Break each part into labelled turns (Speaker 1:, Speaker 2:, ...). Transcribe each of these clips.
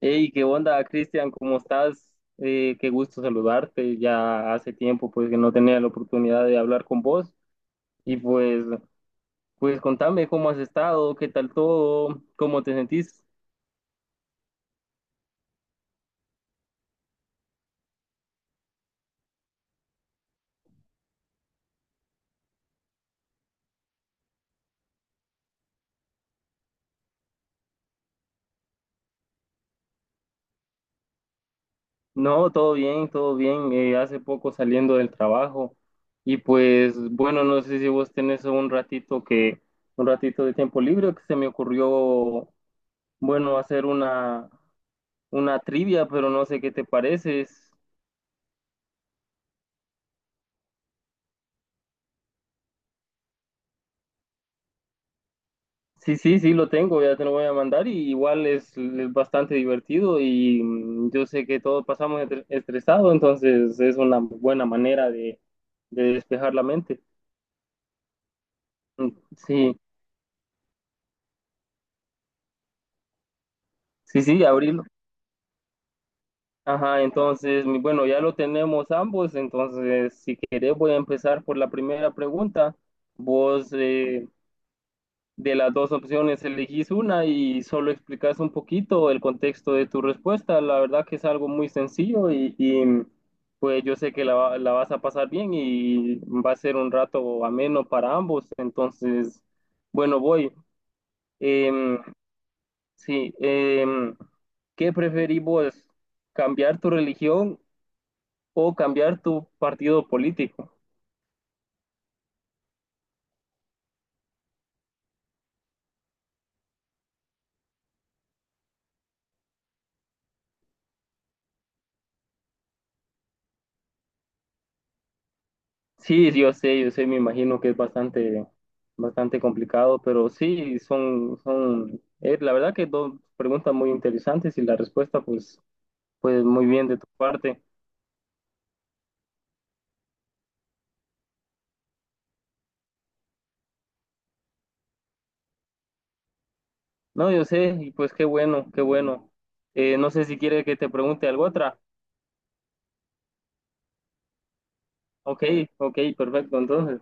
Speaker 1: Hey, ¿qué onda, Cristian? ¿Cómo estás? Qué gusto saludarte. Ya hace tiempo pues que no tenía la oportunidad de hablar con vos y pues contame cómo has estado, qué tal todo, cómo te sentís. No, todo bien, todo bien. Hace poco saliendo del trabajo y pues bueno, no sé si vos tenés un ratito que un ratito de tiempo libre que se me ocurrió bueno hacer una trivia, pero no sé qué te parece. Sí, sí, sí, lo tengo, ya te lo voy a mandar y igual es bastante divertido y yo sé que todos pasamos estresados, entonces es una buena manera de despejar la mente. Mm. Sí, sí, sí, abrirlo. Ajá, entonces, bueno, ya lo tenemos ambos, entonces si querés voy a empezar por la primera pregunta. Vos, de las dos opciones, elegís una y solo explicas un poquito el contexto de tu respuesta. La verdad que es algo muy sencillo y, pues yo sé que la vas a pasar bien y va a ser un rato ameno para ambos. Entonces, bueno, voy. Em, sí, ¿qué preferís vos? ¿Cambiar tu religión o cambiar tu partido político? Sí, yo sé, me imagino que es bastante, bastante complicado, pero sí, son, son, la verdad que dos preguntas muy interesantes y la respuesta, pues, pues muy bien de tu parte. No, yo sé, y pues qué bueno, qué bueno. No sé si quiere que te pregunte algo otra. Ok, ok, perfecto, entonces.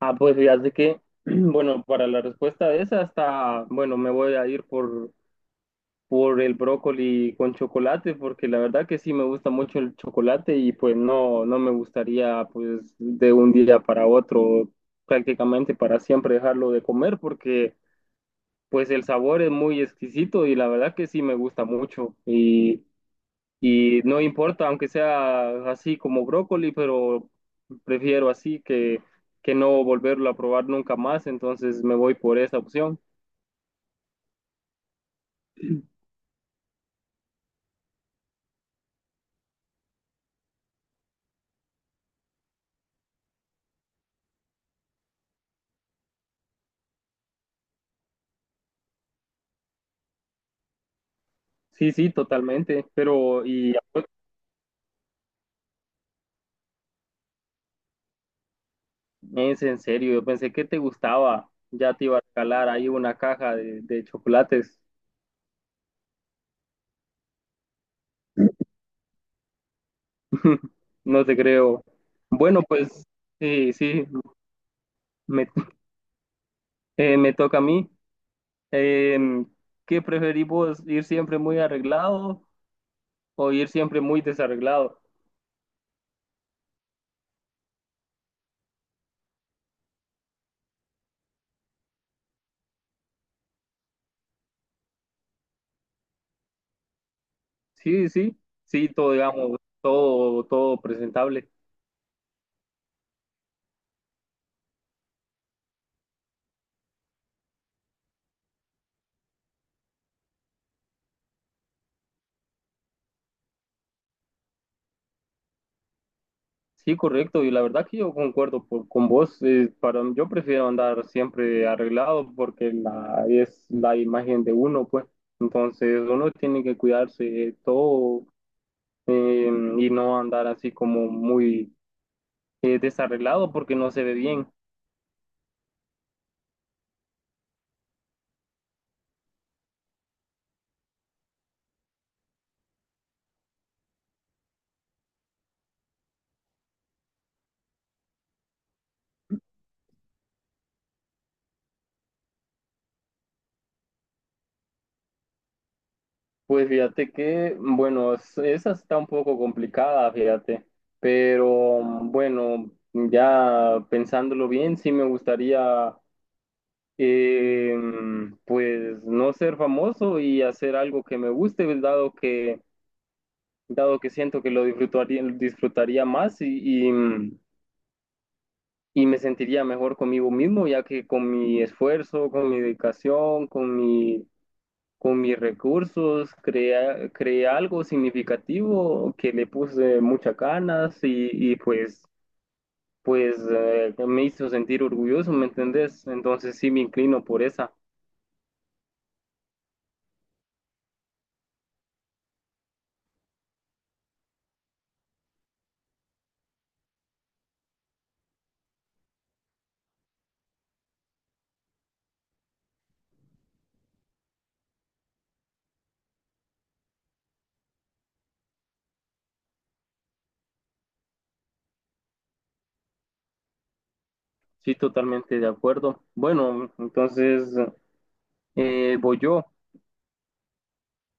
Speaker 1: Ah, pues fíjate que, bueno, para la respuesta de esa hasta, bueno, me voy a ir por el brócoli con chocolate, porque la verdad que sí me gusta mucho el chocolate y pues no, no me gustaría pues de un día para otro prácticamente para siempre dejarlo de comer porque pues el sabor es muy exquisito y la verdad que sí me gusta mucho y no importa aunque sea así como brócoli, pero prefiero así que no volverlo a probar nunca más, entonces me voy por esa opción. Sí, sí, totalmente, pero y es en serio, yo pensé que te gustaba. Ya te iba a regalar ahí una caja de chocolates. No te creo. Bueno, pues sí, sí, me, me toca a mí. Em, ¿Qué preferís vos, ir siempre muy arreglado o ir siempre muy desarreglado? Sí, sí, sí, todo, digamos, todo, todo presentable. Sí, correcto, y la verdad que yo concuerdo con vos, para, yo prefiero andar siempre arreglado porque es la imagen de uno, pues, entonces uno tiene que cuidarse de todo eh, y no andar así como muy desarreglado porque no se ve bien. Pues fíjate que, bueno, esa está un poco complicada, fíjate, pero bueno, ya pensándolo bien, sí me gustaría eh, pues no ser famoso y hacer algo que me guste, pues, dado que siento que lo disfrutaría, disfrutaría más y, y me sentiría mejor conmigo mismo, ya que con mi esfuerzo, con mi dedicación, con mi, con mis recursos, creé algo significativo que le puse muchas ganas y pues, pues me hizo sentir orgulloso, ¿me entendés? Entonces sí me inclino por esa. Sí, totalmente de acuerdo. Bueno, entonces voy yo.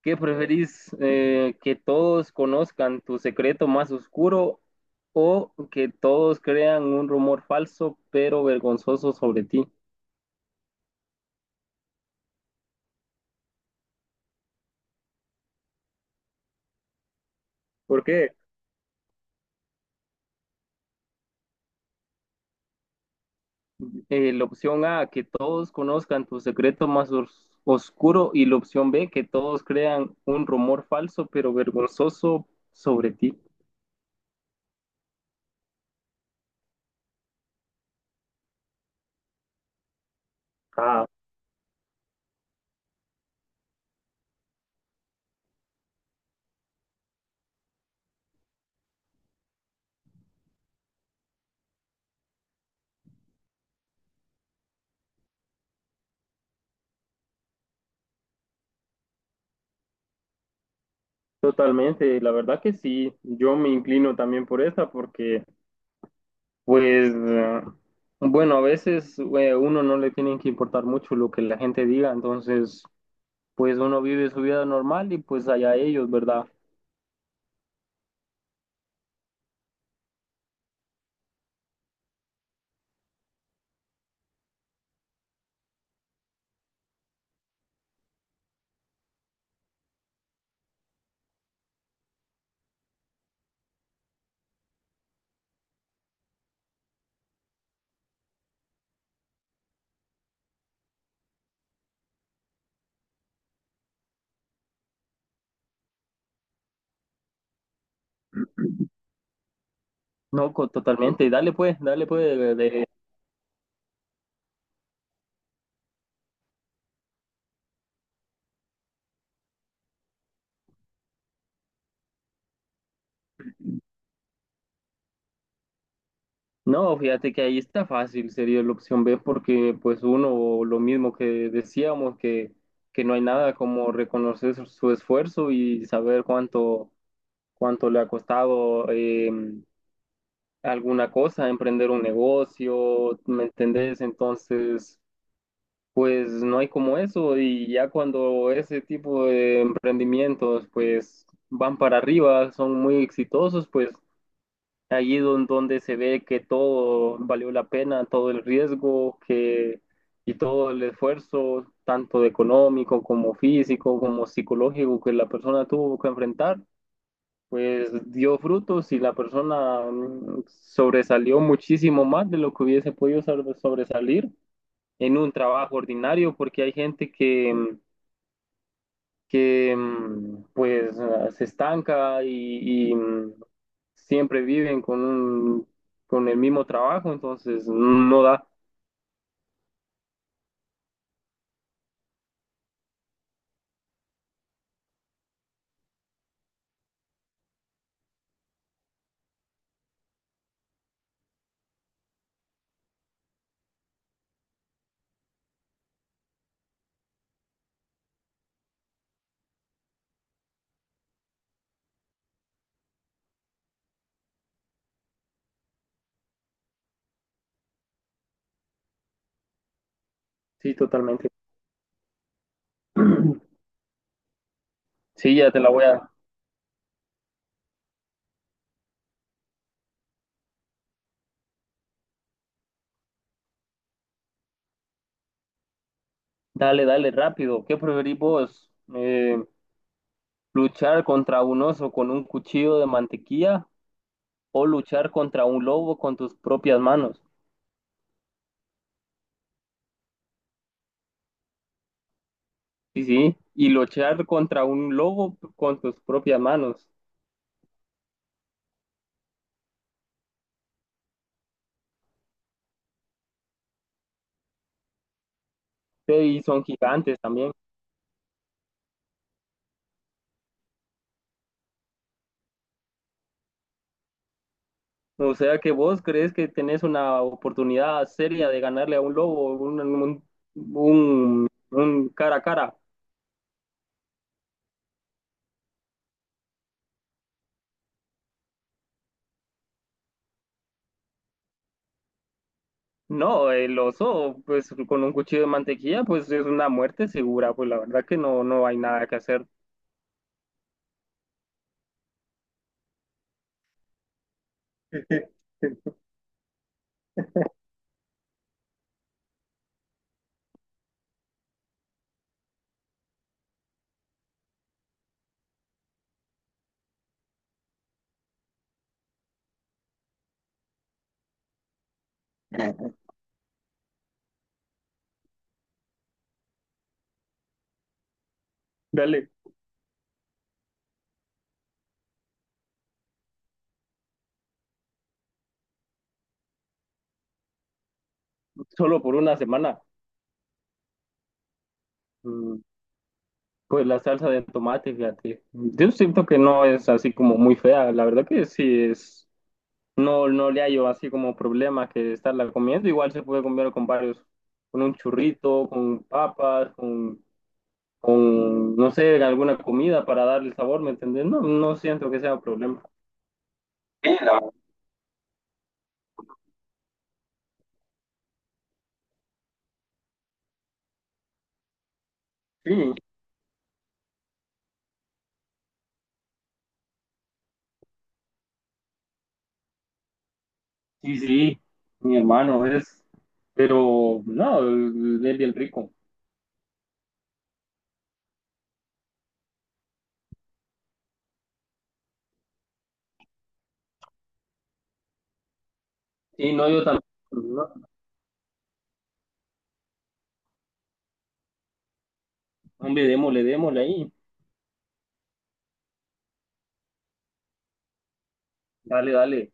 Speaker 1: ¿Qué preferís que todos conozcan tu secreto más oscuro o que todos crean un rumor falso pero vergonzoso sobre ti? ¿Por qué? La opción A, que todos conozcan tu secreto más oscuro, y la opción B, que todos crean un rumor falso pero vergonzoso sobre ti. Ah. Totalmente, la verdad que sí, yo me inclino también por esa porque, pues, bueno, a veces uno no le tiene que importar mucho lo que la gente diga, entonces, pues uno vive su vida normal y pues allá ellos, ¿verdad? No, totalmente, dale pues, de. No, fíjate que ahí está fácil, sería la opción B, porque pues uno, lo mismo que decíamos, que no hay nada como reconocer su esfuerzo y saber cuánto, cuánto le ha costado alguna cosa, emprender un negocio, ¿me entendés? Entonces, pues no hay como eso y ya cuando ese tipo de emprendimientos pues van para arriba, son muy exitosos, pues allí donde se ve que todo valió la pena, todo el riesgo que, y todo el esfuerzo, tanto de económico como físico, como psicológico que la persona tuvo que enfrentar, pues dio frutos y la persona sobresalió muchísimo más de lo que hubiese podido sobresalir en un trabajo ordinario, porque hay gente que... que pues ah, se estanca y, siempre viven con un, con el mismo trabajo, entonces no da. Sí, totalmente. Sí, ya te la voy a... Dale, dale, rápido. ¿Qué preferís vos? ¿Luchar contra un oso con un cuchillo de mantequilla o luchar contra un lobo con tus propias manos? Sí, sí. Y luchar contra un lobo con tus propias manos. Sí, y son gigantes también. O sea que vos crees que tenés una oportunidad seria de ganarle a un lobo, un, un cara a cara. No, el oso, pues con un cuchillo de mantequilla, pues es una muerte segura, pues la verdad que no, no hay nada que hacer. Dale, solo por una semana. Mm. Pues la salsa de tomate, fíjate. Yo siento que no es así como muy fea, la verdad que sí es. No, no le hallo así como problema que estarla comiendo. Igual se puede comer con varios, con un churrito, con papas, con no sé, alguna comida para darle sabor, ¿me entendés? No, no siento que sea un problema. Sí, la verdad. Sí, sí, sí, mi hermano es, pero no, él es bien rico. Sí, no, yo también, no, hombre, démosle, démosle ahí, dale, dale.